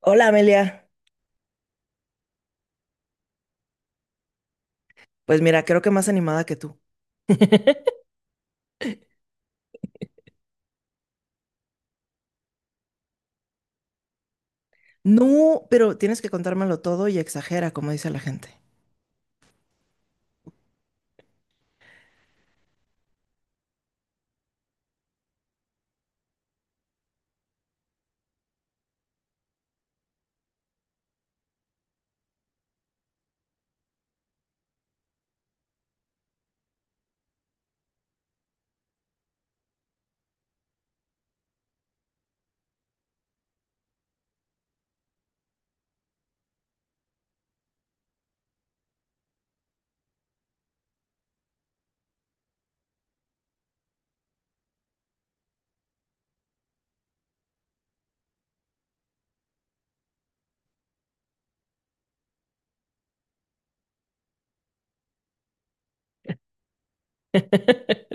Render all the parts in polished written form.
Hola Amelia. Pues mira, creo que más animada que tú. No, pero tienes que contármelo todo y exagera, como dice la gente.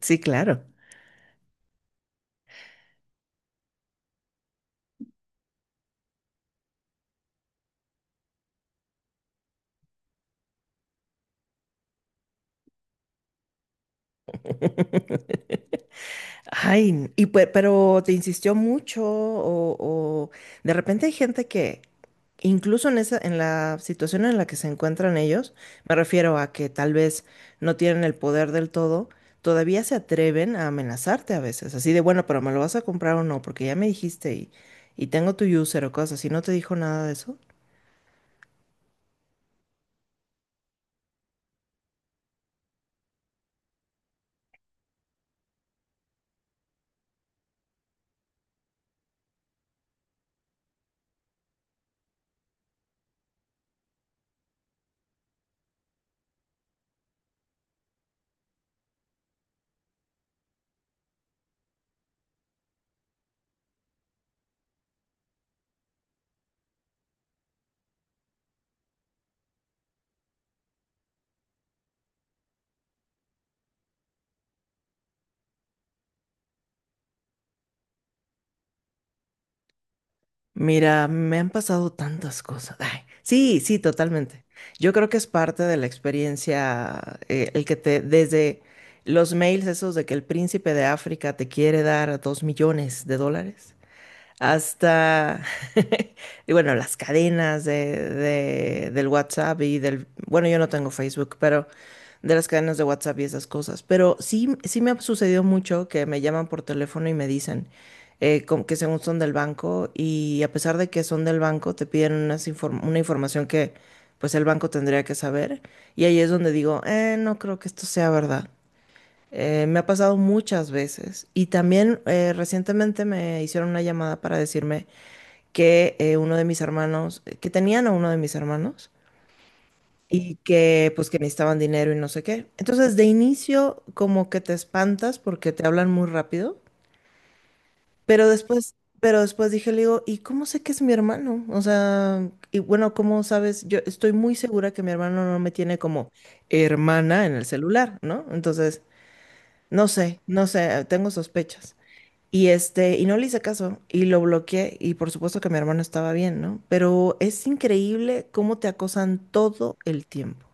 Sí, claro. Ay, y pero te insistió mucho o de repente hay gente que incluso en la situación en la que se encuentran ellos, me refiero a que tal vez no tienen el poder del todo, todavía se atreven a amenazarte a veces, así de bueno, pero me lo vas a comprar o no, porque ya me dijiste y tengo tu user o cosas, y no te dijo nada de eso. Mira, me han pasado tantas cosas. Ay, sí, sí, totalmente. Yo creo que es parte de la experiencia, el que desde los mails esos de que el príncipe de África te quiere dar $2 millones hasta, y bueno, las cadenas del WhatsApp y bueno, yo no tengo Facebook, pero de las cadenas de WhatsApp y esas cosas. Pero sí, sí me ha sucedido mucho que me llaman por teléfono y me dicen que según son del banco y a pesar de que son del banco, te piden una información que pues el banco tendría que saber. Y ahí es donde digo, no creo que esto sea verdad. Me ha pasado muchas veces y también recientemente me hicieron una llamada para decirme que uno de mis hermanos, que tenían a uno de mis hermanos y que pues que necesitaban dinero y no sé qué. Entonces de inicio como que te espantas porque te hablan muy rápido, pero después, pero después dije, le digo, ¿y cómo sé que es mi hermano? O sea, y bueno, ¿cómo sabes? Yo estoy muy segura que mi hermano no me tiene como hermana en el celular, ¿no? Entonces, no sé, no sé, tengo sospechas. Y no le hice caso y lo bloqueé y por supuesto que mi hermano estaba bien, ¿no? Pero es increíble cómo te acosan todo el tiempo.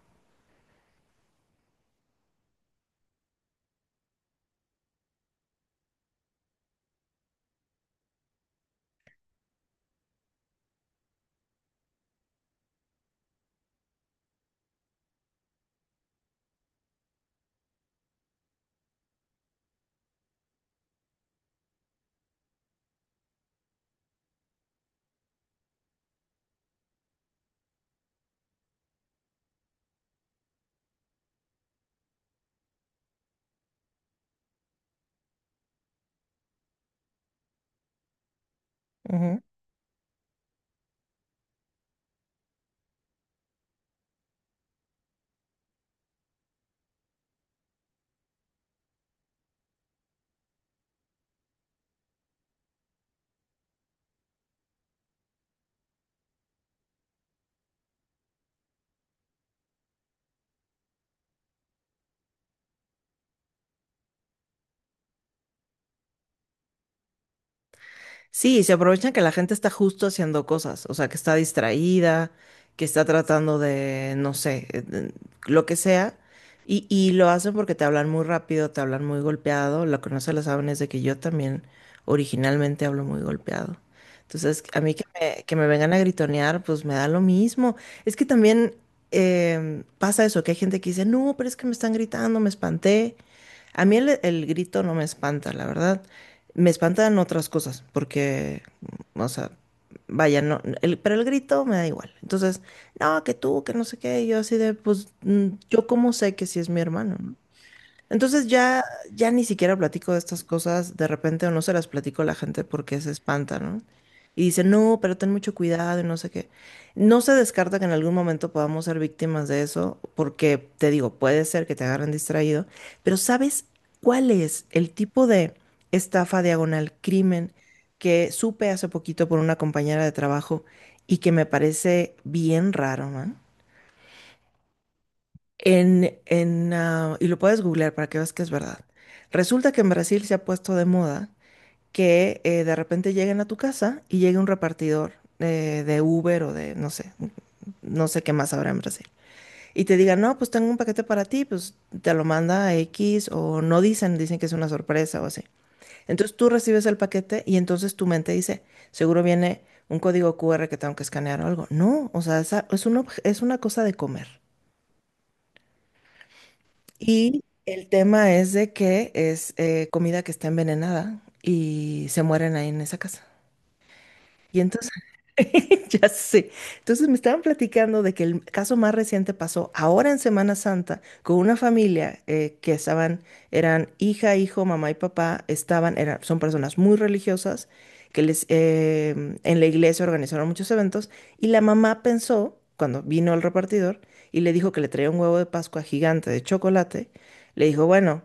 Sí, se aprovechan que la gente está justo haciendo cosas, o sea, que está distraída, que está tratando de, no sé, lo que sea, y lo hacen porque te hablan muy rápido, te hablan muy golpeado, lo que no se lo saben es de que yo también originalmente hablo muy golpeado. Entonces, a mí que me vengan a gritonear, pues me da lo mismo. Es que también pasa eso, que hay gente que dice, no, pero es que me están gritando, me espanté. A mí el grito no me espanta, la verdad. Me espantan otras cosas, porque, o sea, vaya, no, pero el grito me da igual. Entonces, no, que tú, que no sé qué, y yo así de, pues, yo cómo sé que sí es mi hermano, ¿no? Entonces ya, ya ni siquiera platico de estas cosas de repente o no se las platico a la gente porque se espanta, ¿no? Y dice, no, pero ten mucho cuidado y no sé qué. No se descarta que en algún momento podamos ser víctimas de eso, porque te digo, puede ser que te agarren distraído, pero ¿sabes cuál es el tipo de estafa diagonal crimen que supe hace poquito por una compañera de trabajo y que me parece bien raro, man? Y lo puedes googlear para que veas que es verdad. Resulta que en Brasil se ha puesto de moda que de repente lleguen a tu casa y llegue un repartidor de Uber o de, no sé, no sé qué más habrá en Brasil. Y te digan, no, pues tengo un paquete para ti, pues te lo manda a X o no dicen, dicen que es una sorpresa o así. Entonces tú recibes el paquete y entonces tu mente dice, seguro viene un código QR que tengo que escanear o algo. No, o sea, es es una cosa de comer. Y el tema es de que es comida que está envenenada y se mueren ahí en esa casa. Y entonces, ya sé, entonces me estaban platicando de que el caso más reciente pasó ahora en Semana Santa con una familia eran hija, hijo, mamá y papá, son personas muy religiosas que les, eh, en la iglesia organizaron muchos eventos y la mamá pensó, cuando vino el repartidor y le dijo que le traía un huevo de Pascua gigante de chocolate, le dijo, bueno,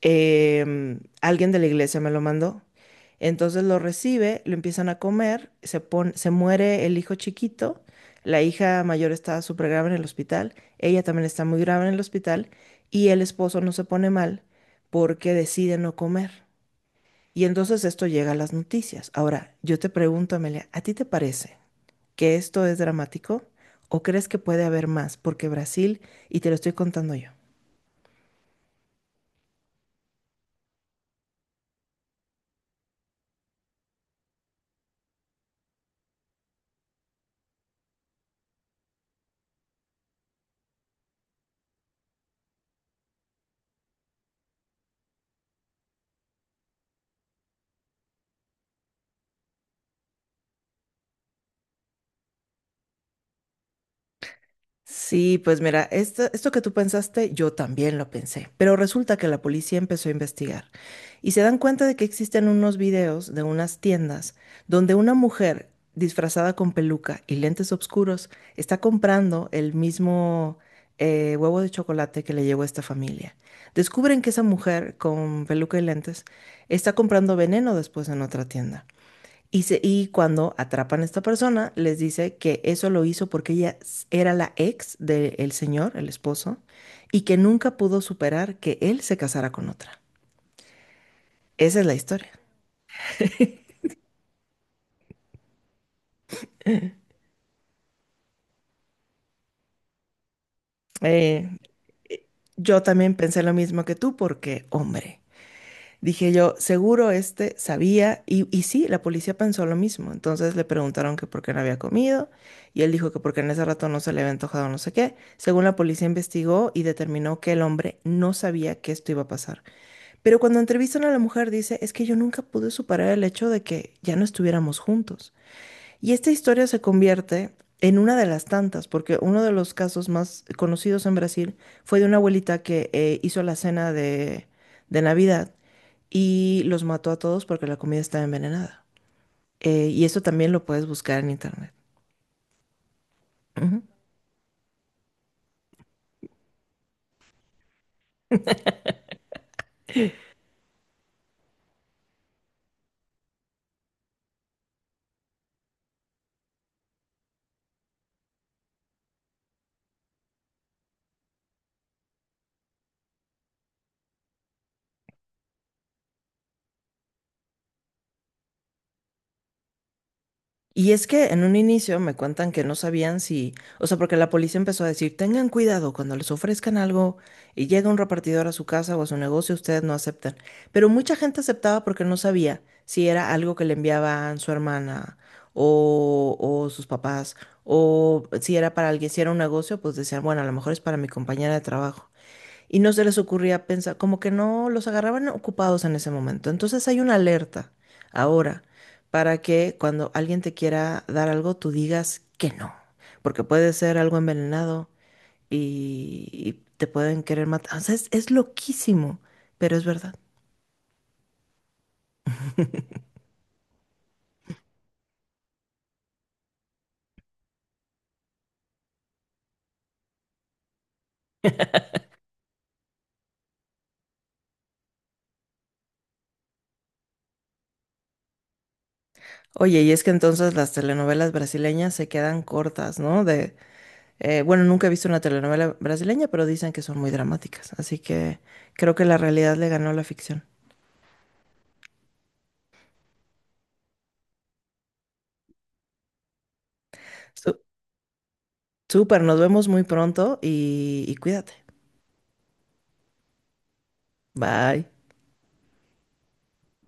alguien de la iglesia me lo mandó. Entonces lo recibe, lo empiezan a comer, se muere el hijo chiquito, la hija mayor está súper grave en el hospital, ella también está muy grave en el hospital y el esposo no se pone mal porque decide no comer. Y entonces esto llega a las noticias. Ahora, yo te pregunto, Amelia, ¿a ti te parece que esto es dramático o crees que puede haber más? Porque Brasil, y te lo estoy contando yo. Sí, pues mira, esto que tú pensaste, yo también lo pensé, pero resulta que la policía empezó a investigar y se dan cuenta de que existen unos videos de unas tiendas donde una mujer disfrazada con peluca y lentes oscuros está comprando el mismo huevo de chocolate que le llegó a esta familia. Descubren que esa mujer con peluca y lentes está comprando veneno después en otra tienda. Y, y cuando atrapan a esta persona, les dice que eso lo hizo porque ella era la ex del señor, el esposo, y que nunca pudo superar que él se casara con otra. Esa es la historia. Eh, eh, yo también pensé lo mismo que tú porque, hombre, dije yo, seguro este sabía, y sí, la policía pensó lo mismo. Entonces le preguntaron que por qué no había comido, y él dijo que porque en ese rato no se le había antojado no sé qué. Según la policía investigó y determinó que el hombre no sabía que esto iba a pasar. Pero cuando entrevistan a la mujer dice, es que yo nunca pude superar el hecho de que ya no estuviéramos juntos. Y esta historia se convierte en una de las tantas, porque uno de los casos más conocidos en Brasil fue de una abuelita que hizo la cena de Navidad y los mató a todos porque la comida estaba envenenada. Y eso también lo puedes buscar en internet. Ujú. Y es que en un inicio me cuentan que no sabían si, o sea, porque la policía empezó a decir, tengan cuidado cuando les ofrezcan algo y llega un repartidor a su casa o a su negocio, ustedes no aceptan. Pero mucha gente aceptaba porque no sabía si era algo que le enviaban su hermana o sus papás, o si era para alguien, si era un negocio, pues decían, bueno, a lo mejor es para mi compañera de trabajo y no se les ocurría pensar, como que no los agarraban ocupados en ese momento. Entonces hay una alerta ahora para que cuando alguien te quiera dar algo, tú digas que no, porque puede ser algo envenenado y te pueden querer matar. O sea, es loquísimo, pero es verdad. Oye, y es que entonces las telenovelas brasileñas se quedan cortas, ¿no? Bueno, nunca he visto una telenovela brasileña, pero dicen que son muy dramáticas, así que creo que la realidad le ganó a la ficción. Súper, nos vemos muy pronto y cuídate. Bye.